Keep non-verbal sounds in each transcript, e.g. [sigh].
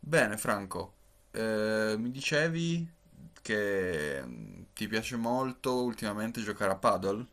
Bene, Franco. Mi dicevi che ti piace molto ultimamente giocare a paddle?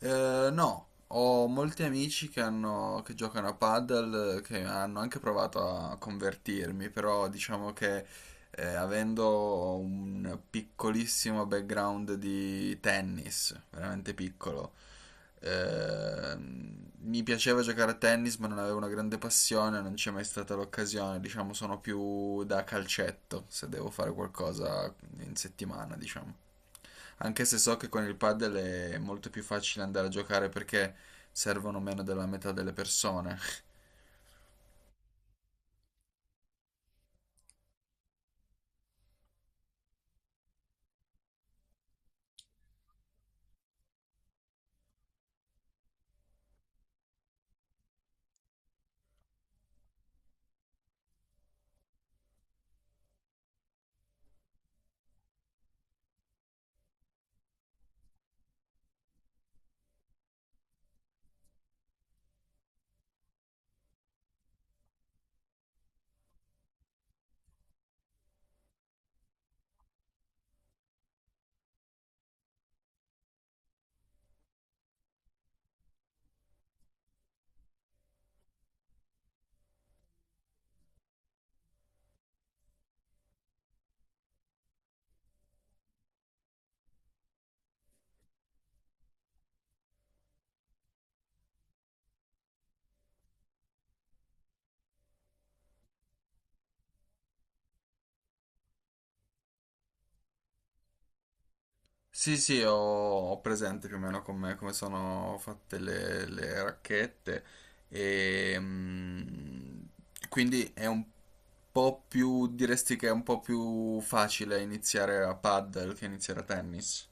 No, ho molti amici che giocano a paddle, che hanno anche provato a convertirmi, però diciamo che avendo un piccolissimo background di tennis, veramente piccolo. Mi piaceva giocare a tennis, ma non avevo una grande passione, non c'è mai stata l'occasione. Diciamo, sono più da calcetto se devo fare qualcosa in settimana, diciamo. Anche se so che con il padel è molto più facile andare a giocare perché servono meno della metà delle persone. Sì, sì, ho presente più o meno come sono fatte le racchette e quindi è un po' più, diresti che è un po' più facile iniziare a paddle che iniziare a tennis.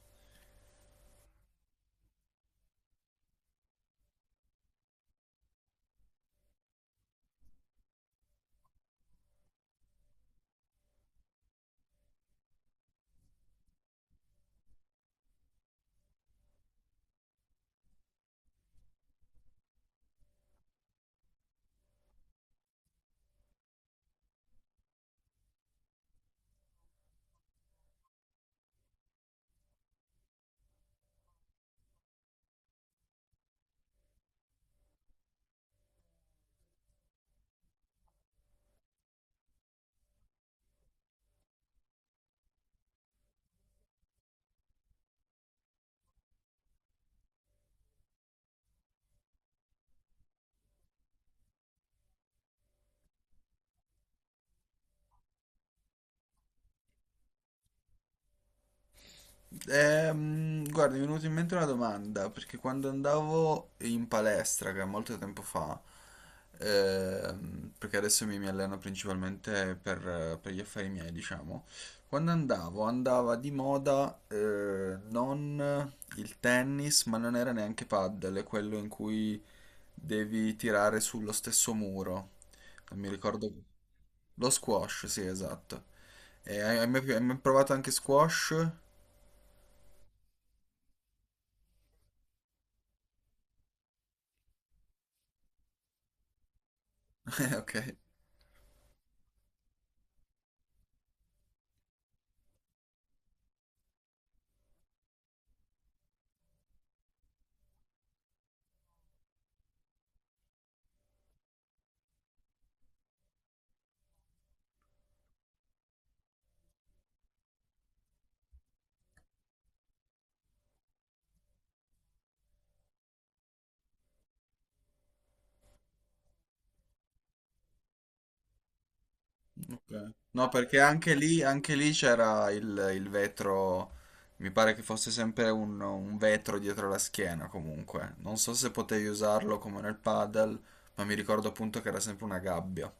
Guarda, mi è venuta in mente una domanda, perché quando andavo in palestra, che è molto tempo fa, perché adesso mi alleno principalmente per gli affari miei, diciamo. Quando andavo, andava di moda non il tennis, ma non era neanche paddle, è quello in cui devi tirare sullo stesso muro. Non mi ricordo. Lo squash, sì, esatto. E hai mai provato anche squash? [laughs] Ok. No, perché anche lì c'era il vetro, mi pare che fosse sempre un vetro dietro la schiena comunque. Non so se potevi usarlo come nel paddle, ma mi ricordo appunto che era sempre una gabbia.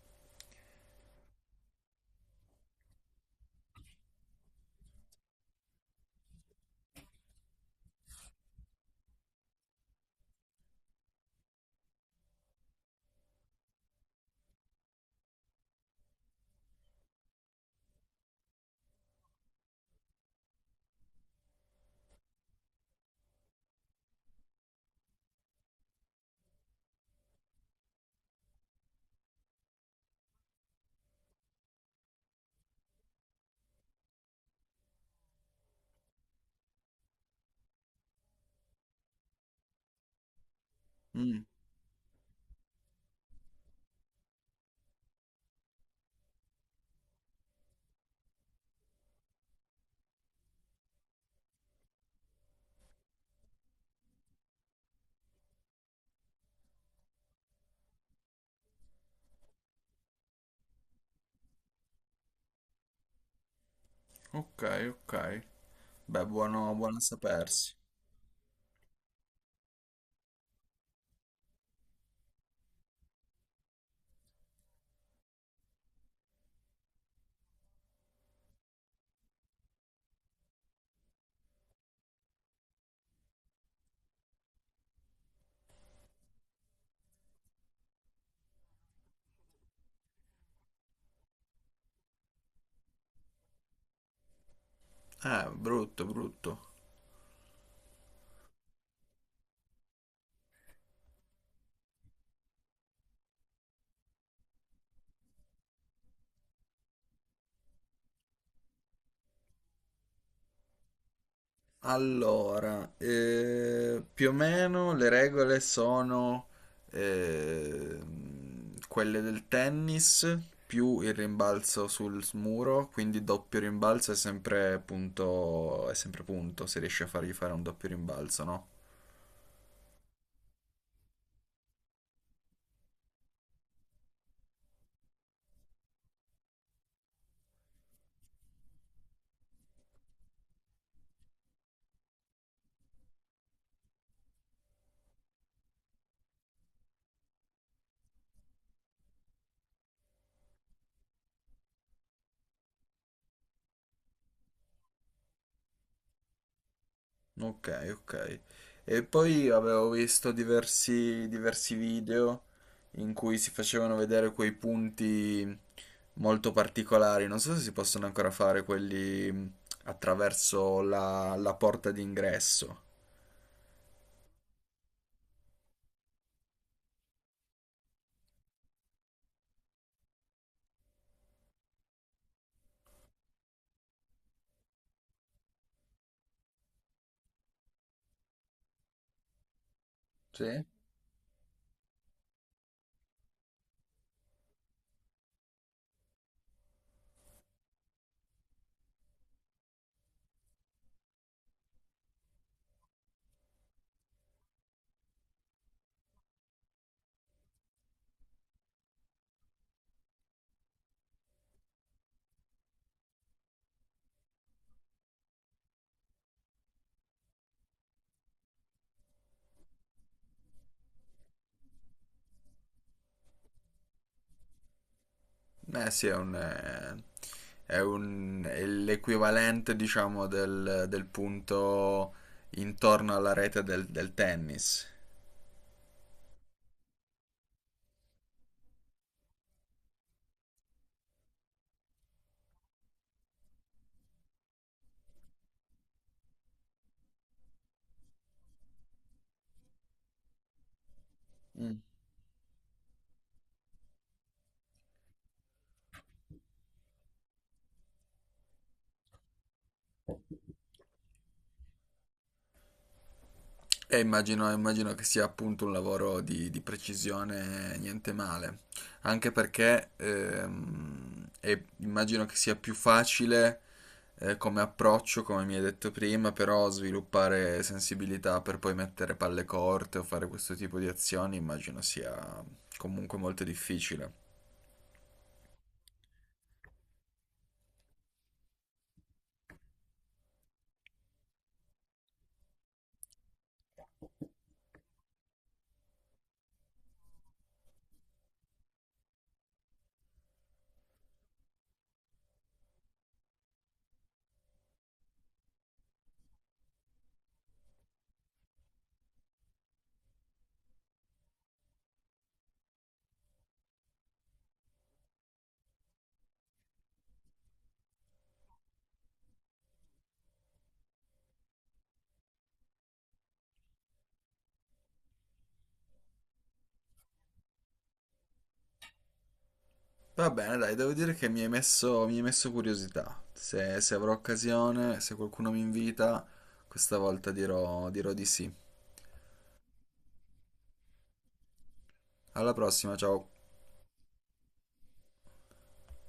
Mm, ok, ok. Beh, buono, buono a sapersi. Brutto, brutto. Allora, più o meno le regole sono eh, quelle del tennis più il rimbalzo sul muro, quindi doppio rimbalzo è sempre punto se riesci a fargli fare un doppio rimbalzo, no? Ok, ok. E poi avevo visto diversi video in cui si facevano vedere quei punti molto particolari. Non so se si possono ancora fare quelli attraverso la porta d'ingresso. Sì? Eh sì, è l'equivalente, diciamo, del punto intorno alla rete del tennis. E immagino che sia appunto un lavoro di precisione, niente male, anche perché e immagino che sia più facile come approccio, come mi hai detto prima, però sviluppare sensibilità per poi mettere palle corte o fare questo tipo di azioni, immagino sia comunque molto difficile. Va bene, dai, devo dire che mi hai messo curiosità. Se avrò occasione, se qualcuno mi invita, questa volta dirò di sì. Alla prossima, ciao!